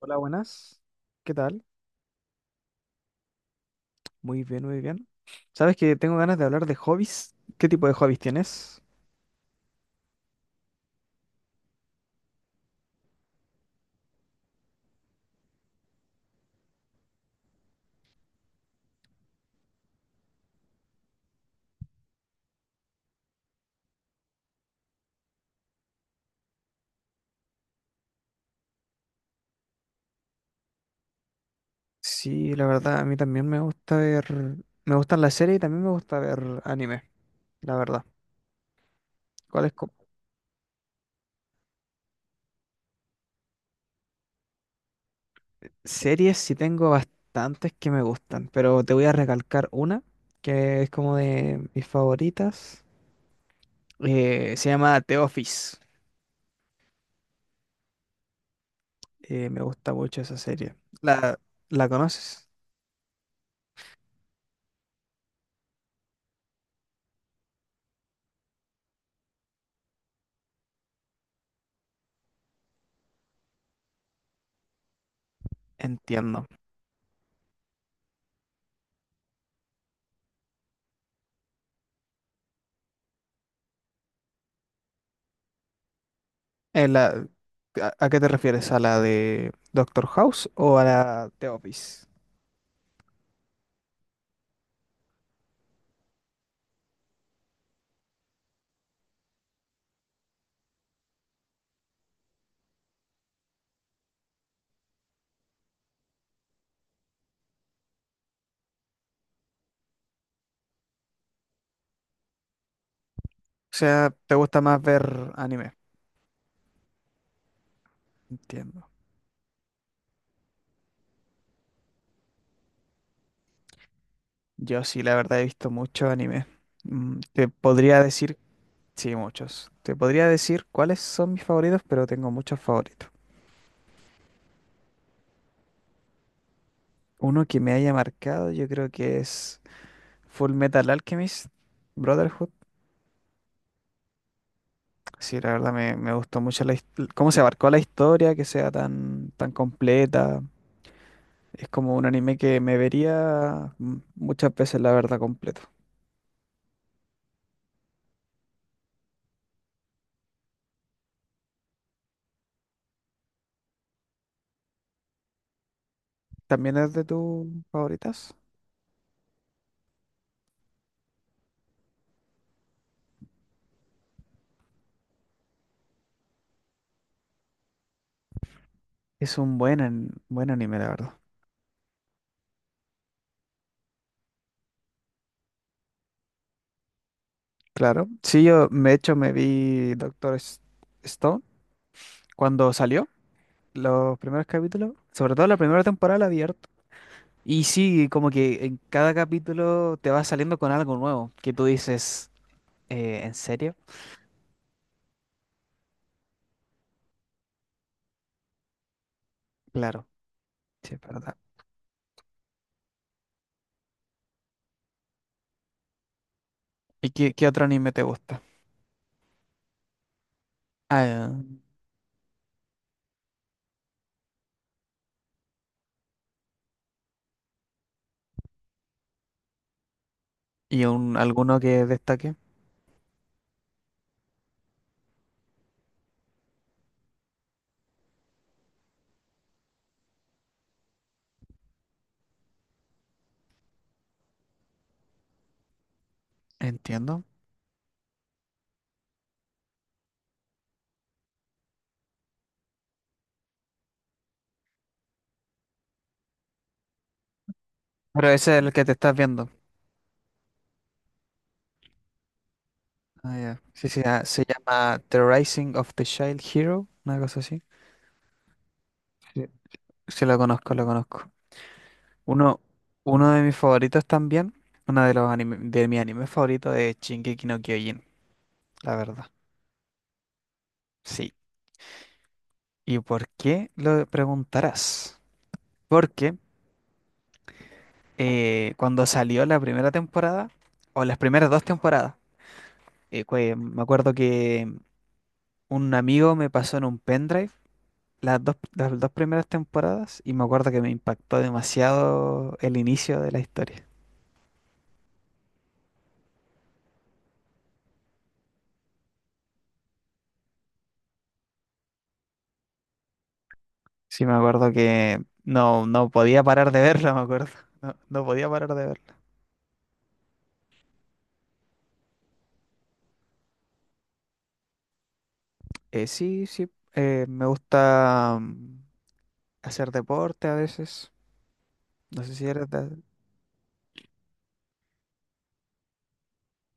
Hola, buenas. ¿Qué tal? Muy bien, muy bien. Sabes que tengo ganas de hablar de hobbies. ¿Qué tipo de hobbies tienes? Sí, la verdad, a mí también me gusta ver, me gustan las series y también me gusta ver anime, la verdad. ¿Cuáles co- ¿Series? Sí, tengo bastantes que me gustan, pero te voy a recalcar una que es como de mis favoritas. Se llama The Office. Me gusta mucho esa serie. ¿La, la conoces? Entiendo. En la, ¿a qué te refieres? ¿A la de Doctor House o a la de Office? O sea, ¿te gusta más ver anime? Entiendo. Yo sí, la verdad he visto mucho anime. Te podría decir, sí, muchos. Te podría decir cuáles son mis favoritos, pero tengo muchos favoritos. Uno que me haya marcado, yo creo que es Full Metal Alchemist Brotherhood. Sí, la verdad me gustó mucho cómo se abarcó la historia, que sea tan, tan completa. Es como un anime que me vería muchas veces, la verdad, completo. ¿También es de tus favoritas? Es un buen anime, la verdad. Claro. Sí, yo, de hecho, me vi Stone cuando salió, los primeros capítulos, sobre todo la primera temporada la vi harto. Y sí, como que en cada capítulo te va saliendo con algo nuevo, que tú dices, ¿en serio? Claro, sí, es verdad. ¿Y qué otro anime te gusta? Ah, ¿y alguno que destaque? Entiendo. Pero ese es el que te estás viendo. Ah, ya. Sí, sí, ah, se llama The Rising of the Child Hero, una cosa así. Sí, sí, lo conozco, lo conozco. Uno, uno de mis favoritos también, uno de los anime, de mi anime favorito es Shingeki no Kyojin, la verdad. Sí. ¿Y por qué lo preguntarás? Porque cuando salió la primera temporada, o las primeras dos temporadas, me acuerdo que un amigo me pasó en un pendrive las dos primeras temporadas y me acuerdo que me impactó demasiado el inicio de la historia. Sí, me acuerdo que no podía parar de verla, me acuerdo. No podía parar de verla. Sí, sí, me gusta hacer deporte a veces. No sé si eres de-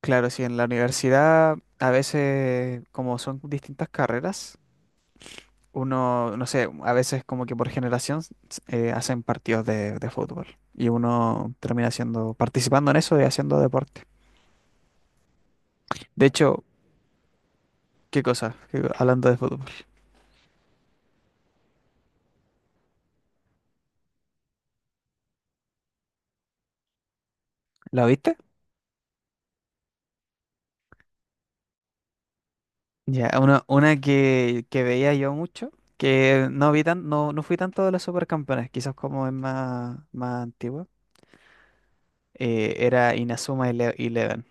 Claro, sí, en la universidad a veces como son distintas carreras, uno, no sé, a veces como que por generación hacen partidos de fútbol y uno termina haciendo, participando en eso y haciendo deporte. De hecho, ¿qué cosa? Hablando de fútbol? ¿La viste? Ya, una que veía yo mucho, que no vi tan, no, no fui tanto de los supercampeones, quizás como es más, más antigua, era Inazuma Eleven.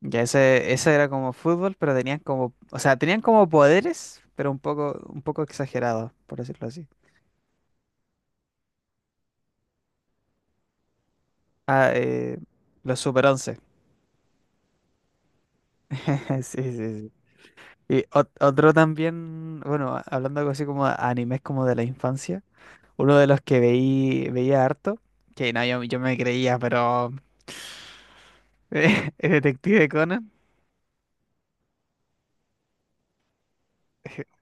Ya ese era como fútbol, pero tenían como, o sea, tenían como poderes, pero un poco exagerados, por decirlo así. Ah, eh, los Super once. Sí, sí, sí. Y otro también, bueno, hablando algo así como animes como de la infancia, uno de los que veía harto, que no, yo me creía, pero el detective Conan.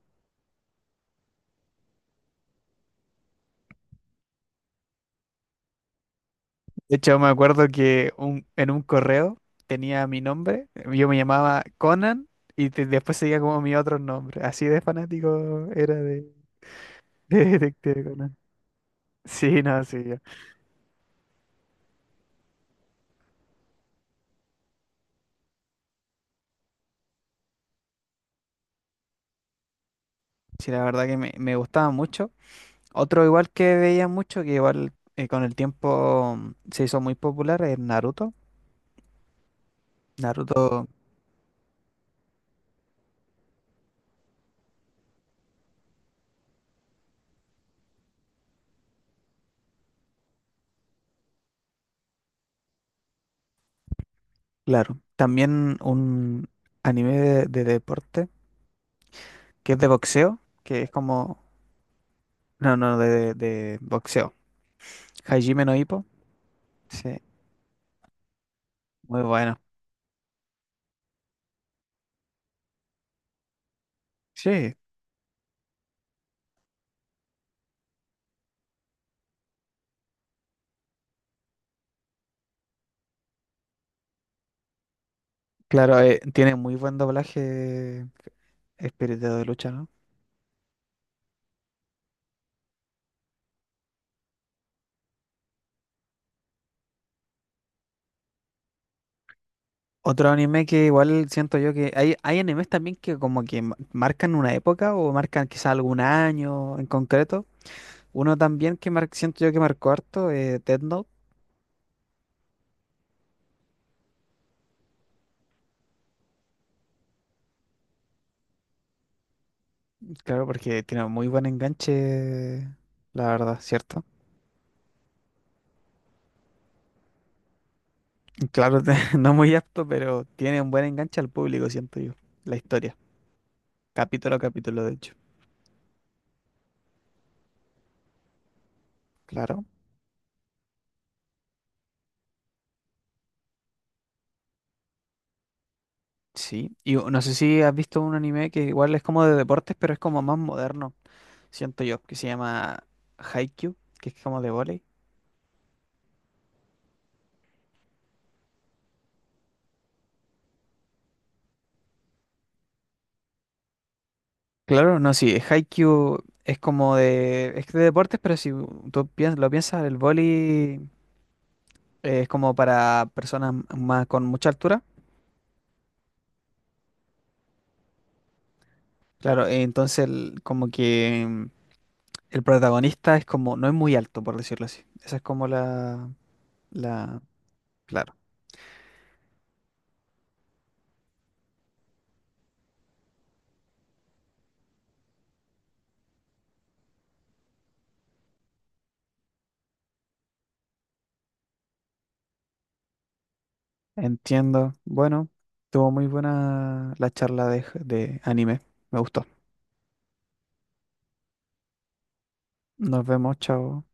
De hecho, me acuerdo que en un correo tenía mi nombre, yo me llamaba Conan y después seguía como mi otro nombre. Así de fanático era de, de detective Conan. Sí, no, sí. Sí, la verdad que me gustaba mucho. Otro igual que veía mucho, que igual con el tiempo se hizo muy popular, es Naruto. Naruto, claro. También un anime de deporte, que es de boxeo, que es como... No, no, de boxeo. Hajime no Ippo. Sí, muy bueno. Sí, claro, tiene muy buen doblaje eh, espíritu de lucha, ¿no? Otro anime que igual siento yo que hay animes también que como que marcan una época o marcan quizá algún año en concreto. Uno también que siento yo que marcó harto, Death Note, claro, porque tiene muy buen enganche, la verdad, ¿cierto? Y claro, no muy apto, pero tiene un buen enganche al público, siento yo, la historia, capítulo a capítulo, de hecho. Claro, sí. Y no sé si has visto un anime que igual es como de deportes, pero es como más moderno. Siento yo, que se llama Haikyuu, que es como de vóley. Claro, no, sí, Haikyuu es como de, es de deportes, pero si tú lo piensas, el vóley es como para personas más con mucha altura. Claro, entonces como que el protagonista es como, no es muy alto, por decirlo así. Esa es como la, claro. Entiendo. Bueno, tuvo muy buena la charla de anime. Me gustó. Nos vemos, chao.